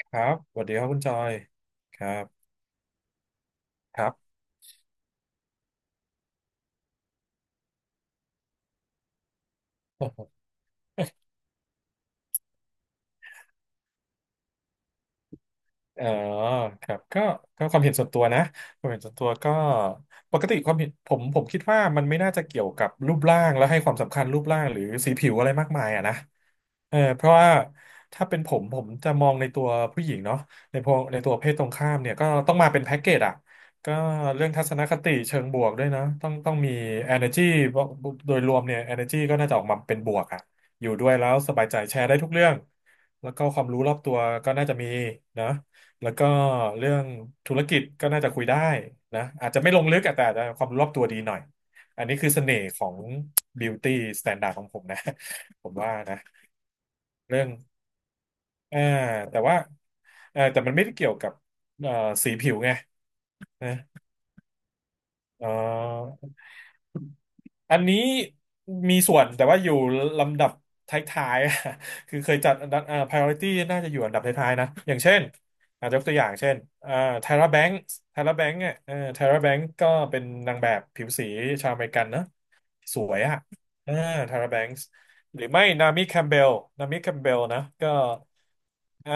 ครับสวัสดีครับคุณจอย ครับ ครับ โอ้โหเออครับก็ความเห็นส่วนตัวนะ ความเห็นส่วนตัวก็ ปกติความเห็นผมคิดว่ามันไม่น่าจะเกี่ยวกับรูปร่างแล้วให้ความสำคัญรูปร่างหรือสีผิวอะไรมากมายอะนะ เออเพราะว่าถ้าเป็นผมจะมองในตัวผู้หญิงเนาะในพวกในตัวเพศตรงข้ามเนี่ยก็ต้องมาเป็นแพ็กเกจอะก็เรื่องทัศนคติเชิงบวกด้วยนะต้องมี energy เพราะโดยรวมเนี่ย energy ก็น่าจะออกมาเป็นบวกอะอยู่ด้วยแล้วสบายใจแชร์ได้ทุกเรื่องแล้วก็ความรู้รอบตัวก็น่าจะมีนะแล้วก็เรื่องธุรกิจก็น่าจะคุยได้นะอาจจะไม่ลงลึกอะแต่อาจจะความรู้รอบตัวดีหน่อยอันนี้คือเสน่ห์ของ beauty standard ของผมนะ ผมว่านะเรื่อง อ่าแต่ว่าแต่มันไม่ได้เกี่ยวกับเอ่อสีผิวไงนะเอ่ออันนี้มีส่วนแต่ว่าอยู่ลำดับท้ายๆ คือเคยจัดอันดับpriority น่าจะอยู่อันดับท้ายๆนะอย่างเช่นอาจจะยกตัวอย่างเช่นTyra Banks เนี่ยTyra Banks ก็เป็นนางแบบผิวสีชาวอเมริกันนะ สวยอะอ่าทาราแบงค์หรือไม่นามิแคมเบลนามิแคมเบลนะก็อ่า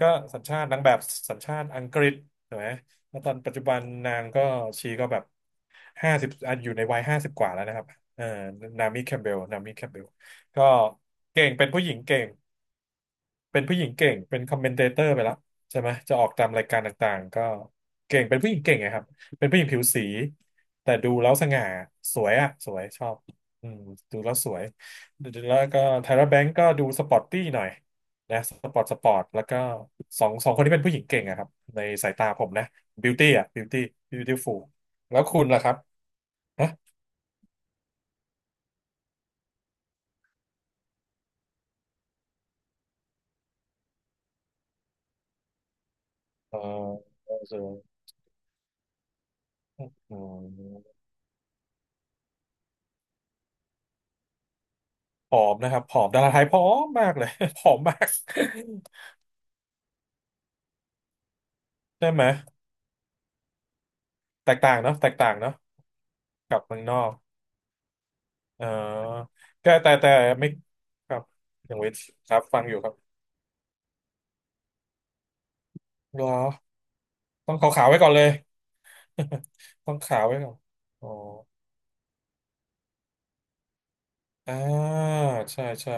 ก็สัญชาตินางแบบสัญชาติอังกฤษถูกไหมแล้วตอนปัจจุบันนางก็ชีก็แบบห้าสิบอยู่ในวัย50 กว่าแล้วนะครับเอ่อนามิแคมเบลนามิแคมเบลก็เก่งเป็นผู้หญิงเก่ง เป็นผู้หญิงเก่งเป็นคอมเมนเตเตอร์ไปแล้วใช่ไหมจะออกตามรายการต่างๆก็เก่งเป็นผู้หญิงเก่งไงครับเป็นผู้หญิงผิวสีแต่ดูแล้วสง่าสวยอ่ะสวยชอบอืมดูแล้วสวยแล้วก็ไทระแบงก์ก็ดูสปอร์ตตี้หน่อยนะสปอร์ตแล้วก็สองคนที่เป็นผู้หญิงเก่งอะครับในสายตาผมนะบิวตี้อะบิวตี้บิวตี้ฟูลแล้วคุณล่ะครับฮะเออเออเอออืมผอมนะครับผอมดาราไทยผอมมากเลย ผอมมาก ใช่ไหมแตกต่างเนาะแตกต่างเนาะกับเมืองนอกเออก็แต่ไม่ครับอย่างเวทครับฟังอยู่ครับเหรอต้องขาวๆไว้ก่อนเลย ต้องขาวไว้ก่อนอ๋ออ่าใช่ใช่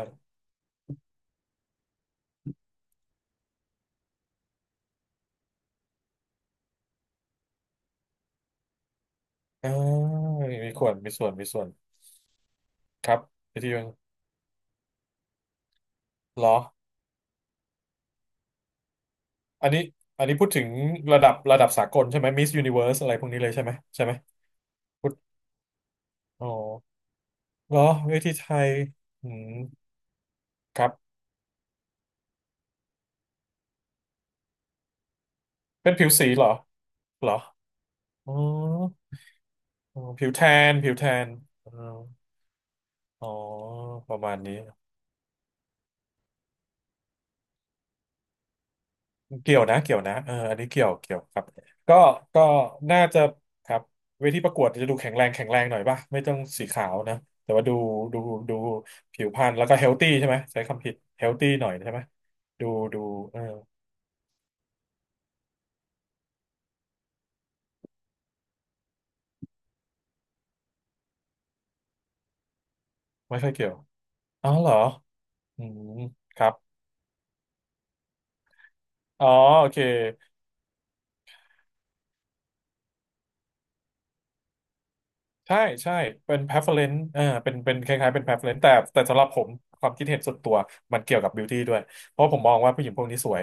อ่ามีส่วนมีส่วนมีส่วนครับวิธีเหรออันนี้อันนี้พูดถึงระดับสากลใช่ไหมมิสยูนิเวิร์สอะไรพวกนี้เลยใช่ไหมใช่ไหมพูดอ๋อเหรอเวทีไทยอืมครับเป็นผิวสีเหรอเหรออ๋อ อ๋อผิวแทนผิวแทนอ๋ออ๋อประมาณนี้เกี่ยวนะเกี่ยวนะอันนี้เกี่ยวเกี่ยวครับก็ก็น่าจะครับเวทีประกวดจะดูแข็งแรงแข็งแรงหน่อยป่ะไม่ต้องสีขาวนะแต่ว่าดูดูดูผิวพรรณแล้วก็เฮลตี้ใช่ไหมใช้คำผิดเฮลตี้หน่อยใช่ไหมดูดูเออไม่ค่อยเกี่ยวอ๋อเหรออืมครับอ๋อโอเค ใช่ใช่เป็น preference เออเป็นคล้ายๆเป็น preference แต่สำหรับผมความคิดเห็นส่วนตัวมันเกี่ยวกับ beauty ด้วยเพราะผมมองว่าผู้หญิงพวกนี้สวย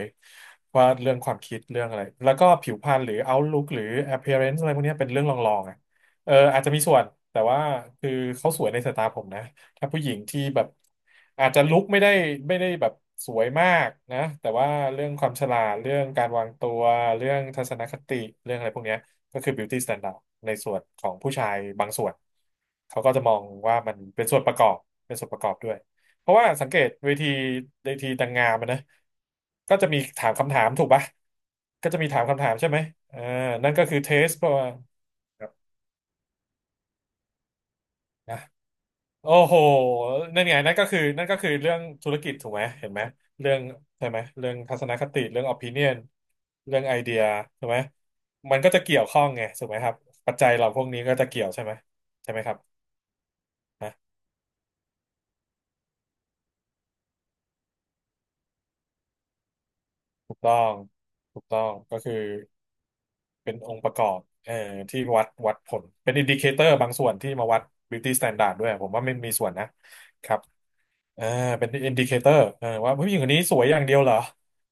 ว่าเรื่องความคิดเรื่องอะไรแล้วก็ผิวพรรณหรือ outlook หรือ appearance อะไรพวกเนี้ยเป็นเรื่องรองๆอ่ะเอออาจจะมีส่วนแต่ว่าคือเขาสวยในสายตาผมนะถ้าผู้หญิงที่แบบอาจจะลุคไม่ได้แบบสวยมากนะแต่ว่าเรื่องความฉลาดเรื่องการวางตัวเรื่องทัศนคติเรื่องอะไรพวกเนี้ย ก็คือ beauty standard ในส่วนของผู้ชายบางส่วนเขาก็จะมองว่ามันเป็นส่วนประกอบเป็นส่วนประกอบด้วยเพราะว่าสังเกตเวทีนางงามอะนะก็จะมีถามคำถามถูกปะก็จะมีถามคำถามใช่ไหมเออนั่นก็คือเทสเพราะว่าครับนะ โอ้โหนั่นไงนั่นก็คือเรื่องธุรกิจถูกไหมเห็นไหมเรื่องใช่ไหมเรื่องทัศนคติเรื่อง opinion เรื่องไอเดียถูกไหมมันก็จะเกี่ยวข้องไงถูกไหมครับปัจจัยเราพวกนี้ก็จะเกี่ยวใช่ไหมใช่ไหมครับนะถูกต้องถูกต้องก็คือเป็นองค์ประกอบเอ่อที่วัดผลเป็นอินดิเคเตอร์บางส่วนที่มาวัด beauty standard ด้วยผมว่าไม่มีส่วนนะครับ อ่าเป็นอินดิเคเตอร์ว่าผู้หญิงคนนี้สวยอย่างเดียวเหรอ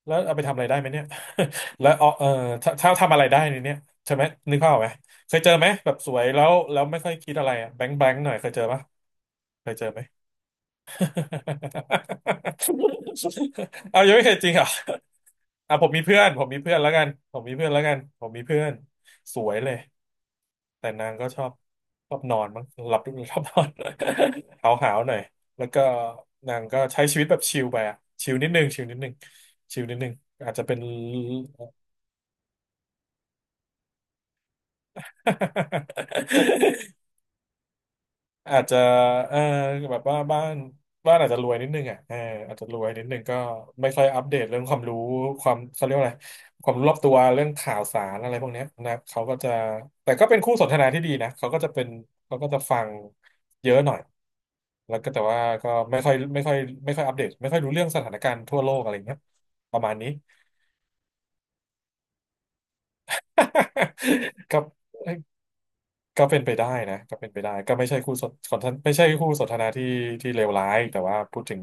แล้วเอาไปทำอะไรได้ไหมเนี่ย แล้วเอาถ้าทำอะไรได้ในเนี้ยใช่ไหมนึกภาพออกไหมเคยเจอไหมแบบสวยแล้วไม่ค่อยคิดอะไรอ่ะแบงค์หน่อยเคยเจอปะเคยเจอไหม เอายังไม่เคยจริงเหรออ่ะผมมีเพื่อนผมมีเพื่อนแล้วกันผมมีเพื่อนแล้วกันผมมีเพื่อนสวยเลย แต่นางก็ชอบนอนมั้งหลับชอบนอน หาวหน่อยแล้วก็นางก็ใช้ชีวิตแบบชิลไปอะชิลนิดนึงชิลนิดนึงชิลนิดนึงอาจจะเป็น อาจจะเออแบบว่าบ้านอาจจะรวยนิดนึงอ่ะอาจจะรวยนิดนึงก็ไม่ค่อยอัปเดตเรื่องความรู้ความเขาเรียกว่าอะไรความรู้รอบตัวเรื่องข่าวสารอะไรพวกเนี้ยนะเขาก็จะแต่ก็เป็นคู่สนทนาที่ดีนะเขาก็จะเป็นเขาก็จะฟังเยอะหน่อยแล้วก็แต่ว่าก็ไม่ค่อยอัปเดตไม่ค่อยรู้เรื่องสถานการณ์ทั่วโลกอะไรเงี้ยประมาณนี้ ครับ ก็เป็นไปได้นะก็เป็นไปได้ก็ไม่ใช่คู่สนทนาที่เลวร้ายแต่ว่าพูดถึง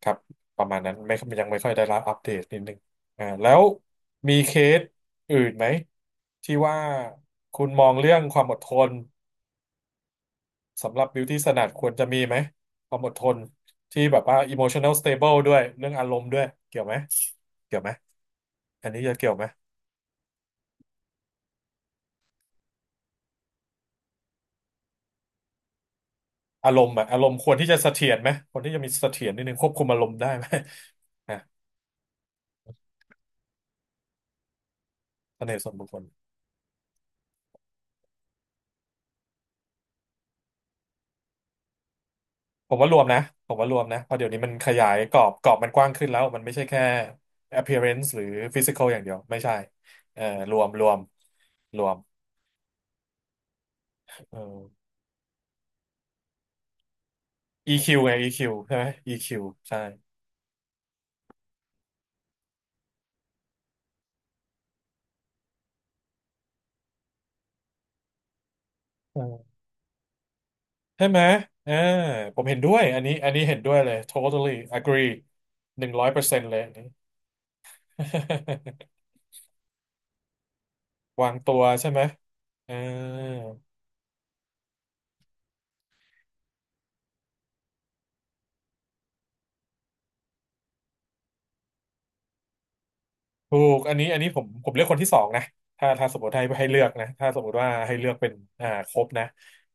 ครับประมาณนั้นไม่ยังไม่ค่อยได้รับอัปเดตนิดนึงอ่าแล้วมีเคสอื่นไหมที่ว่าคุณมองเรื่องความอดทนสำหรับ beauty standard ควรจะมีไหมความอดทนที่แบบว่า emotional stable ด้วยเรื่องอารมณ์ด้วยเกี่ยวไหมเกี่ยวไหมอันนี้จะเกี่ยวไหมอารมณ์อะอารมณ์ควรที่จะเสถียรไหมคนที่จะมีเสถียรนิดนึงควบคุมอารมณ์ได้ไหม อ่ะเสน่ห์ส่วนบุคคล ผมว่ารวมนะผมว่ารวมนะเพราะเดี๋ยวนี้มันขยายกรอบมันกว้างขึ้นแล้ว มันไม่ใช่แค่ appearance หรือ physical อย่างเดียว ไม่ใช่ เออรวม รวม รวมเออ EQ ไง EQ ใช่ไหม EQ ใช่เออใช่ไหม เออผมเห็นด้วยอันนี้อันนี้เห็นด้วยเลย totally agree หนึ่งร้อยเปอร์เซ็นต์เลยอันนี้ วางตัวใช่ไหมเออ ถูกอันนี้อันนี้ผมเลือกคนที่สองนะถ้าสมมติให้เลือกนะถ้าสมมติว่าให้เลือกเป็นอ่าครบนะ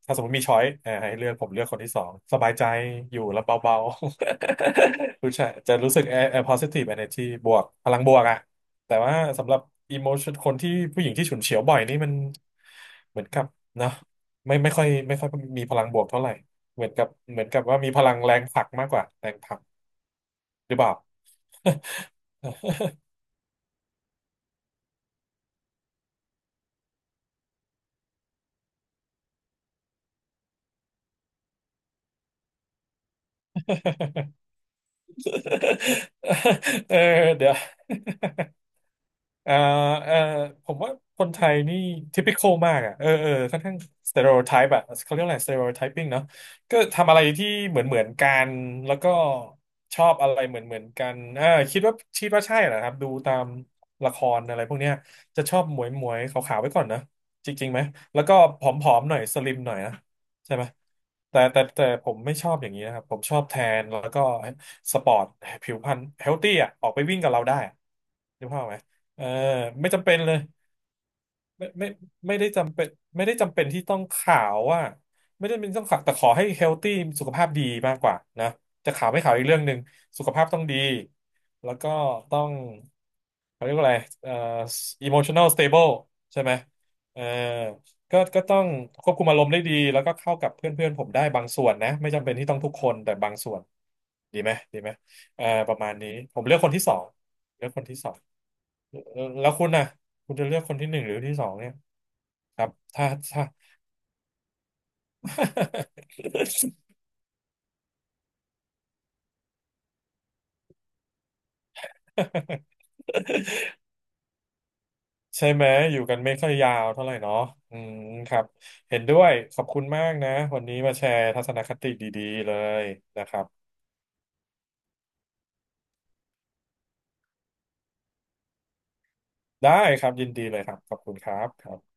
ถ้าสมมติมีช้อยอ่าให้เลือกผมเลือกคนที่สองสบายใจอยู่แล้วเบาๆ ผู้ชายจะรู้สึกpositive energy บวกพลังบวกอะแต่ว่าสำหรับ emotion คนที่ผู้หญิงที่ฉุนเฉียวบ่อยนี่มันเหมือนกับเนาะไม่ค่อยมีพลังบวกเท่าไหร่เหมือนกับว่ามีพลังแรงผลักมากกว่าแรงผลักหรือเปล่า เออเดี๋ยว เอ่อเอ่อผมว่าคนไทยนี่ typical มากอ่ะเออเออค่อนข้าง stereotype อ่ะเขาเรียกอะไร stereotyping เนาะก็ทำอะไรที่เหมือนกันแล้วก็ชอบอะไรเหมือนกันอ่าคิดว่าใช่เหรอครับดูตามละครอะไรพวกเนี้ยจะชอบหมวยขาวๆไว้ก่อนนะจริงๆไหมแล้วก็ผอมๆหน่อยสลิมหน่อยนะใช่ไหมแต่ผมไม่ชอบอย่างนี้นะครับผมชอบแทนแล้วก็สปอร์ตผิวพรรณเฮลตี้อ่ะออกไปวิ่งกับเราได้นึกภาพไหม เออไม่จำเป็นเลยไม่ไม่ไม่ได้จำเป็นไม่ได้จำเป็นที่ต้องขาวอ่ะไม่ได้เป็นต้องขาวแต่ขอให้เฮลตี้สุขภาพดีมากกว่านะจะขาวไม่ขาวอีกเรื่องหนึ่งสุขภาพต้องดีแล้วก็ต้องเขาเรียกว่าอะไรเอ่อ emotional stable ใช่ไหมเออก็ก็ต้องควบคุมอารมณ์ได้ดีแล้วก็เข้ากับเพื่อนเพื่อนผมได้บางส่วนนะไม่จำเป็นที่ต้องทุกคนแต่บางส่วนดีไหมดีไหมเออประมาณนี้ผมเลือกคนที่สองเลือกคนที่สอง แล้วคุณน่ะคุณจะเลือกคนที่หนึ่งหรือที่สองเนี่ยครับถ้า ใช่ไหมอยู่กันไม่ค่อยยาวเท่าไหร่เนาะอืมครับเห็นด้วยขอบคุณมากนะวันนี้มาแชร์ทัศนคติดีๆเลยนะครับได้ครับยินดีเลยครับขอบคุณครับครับ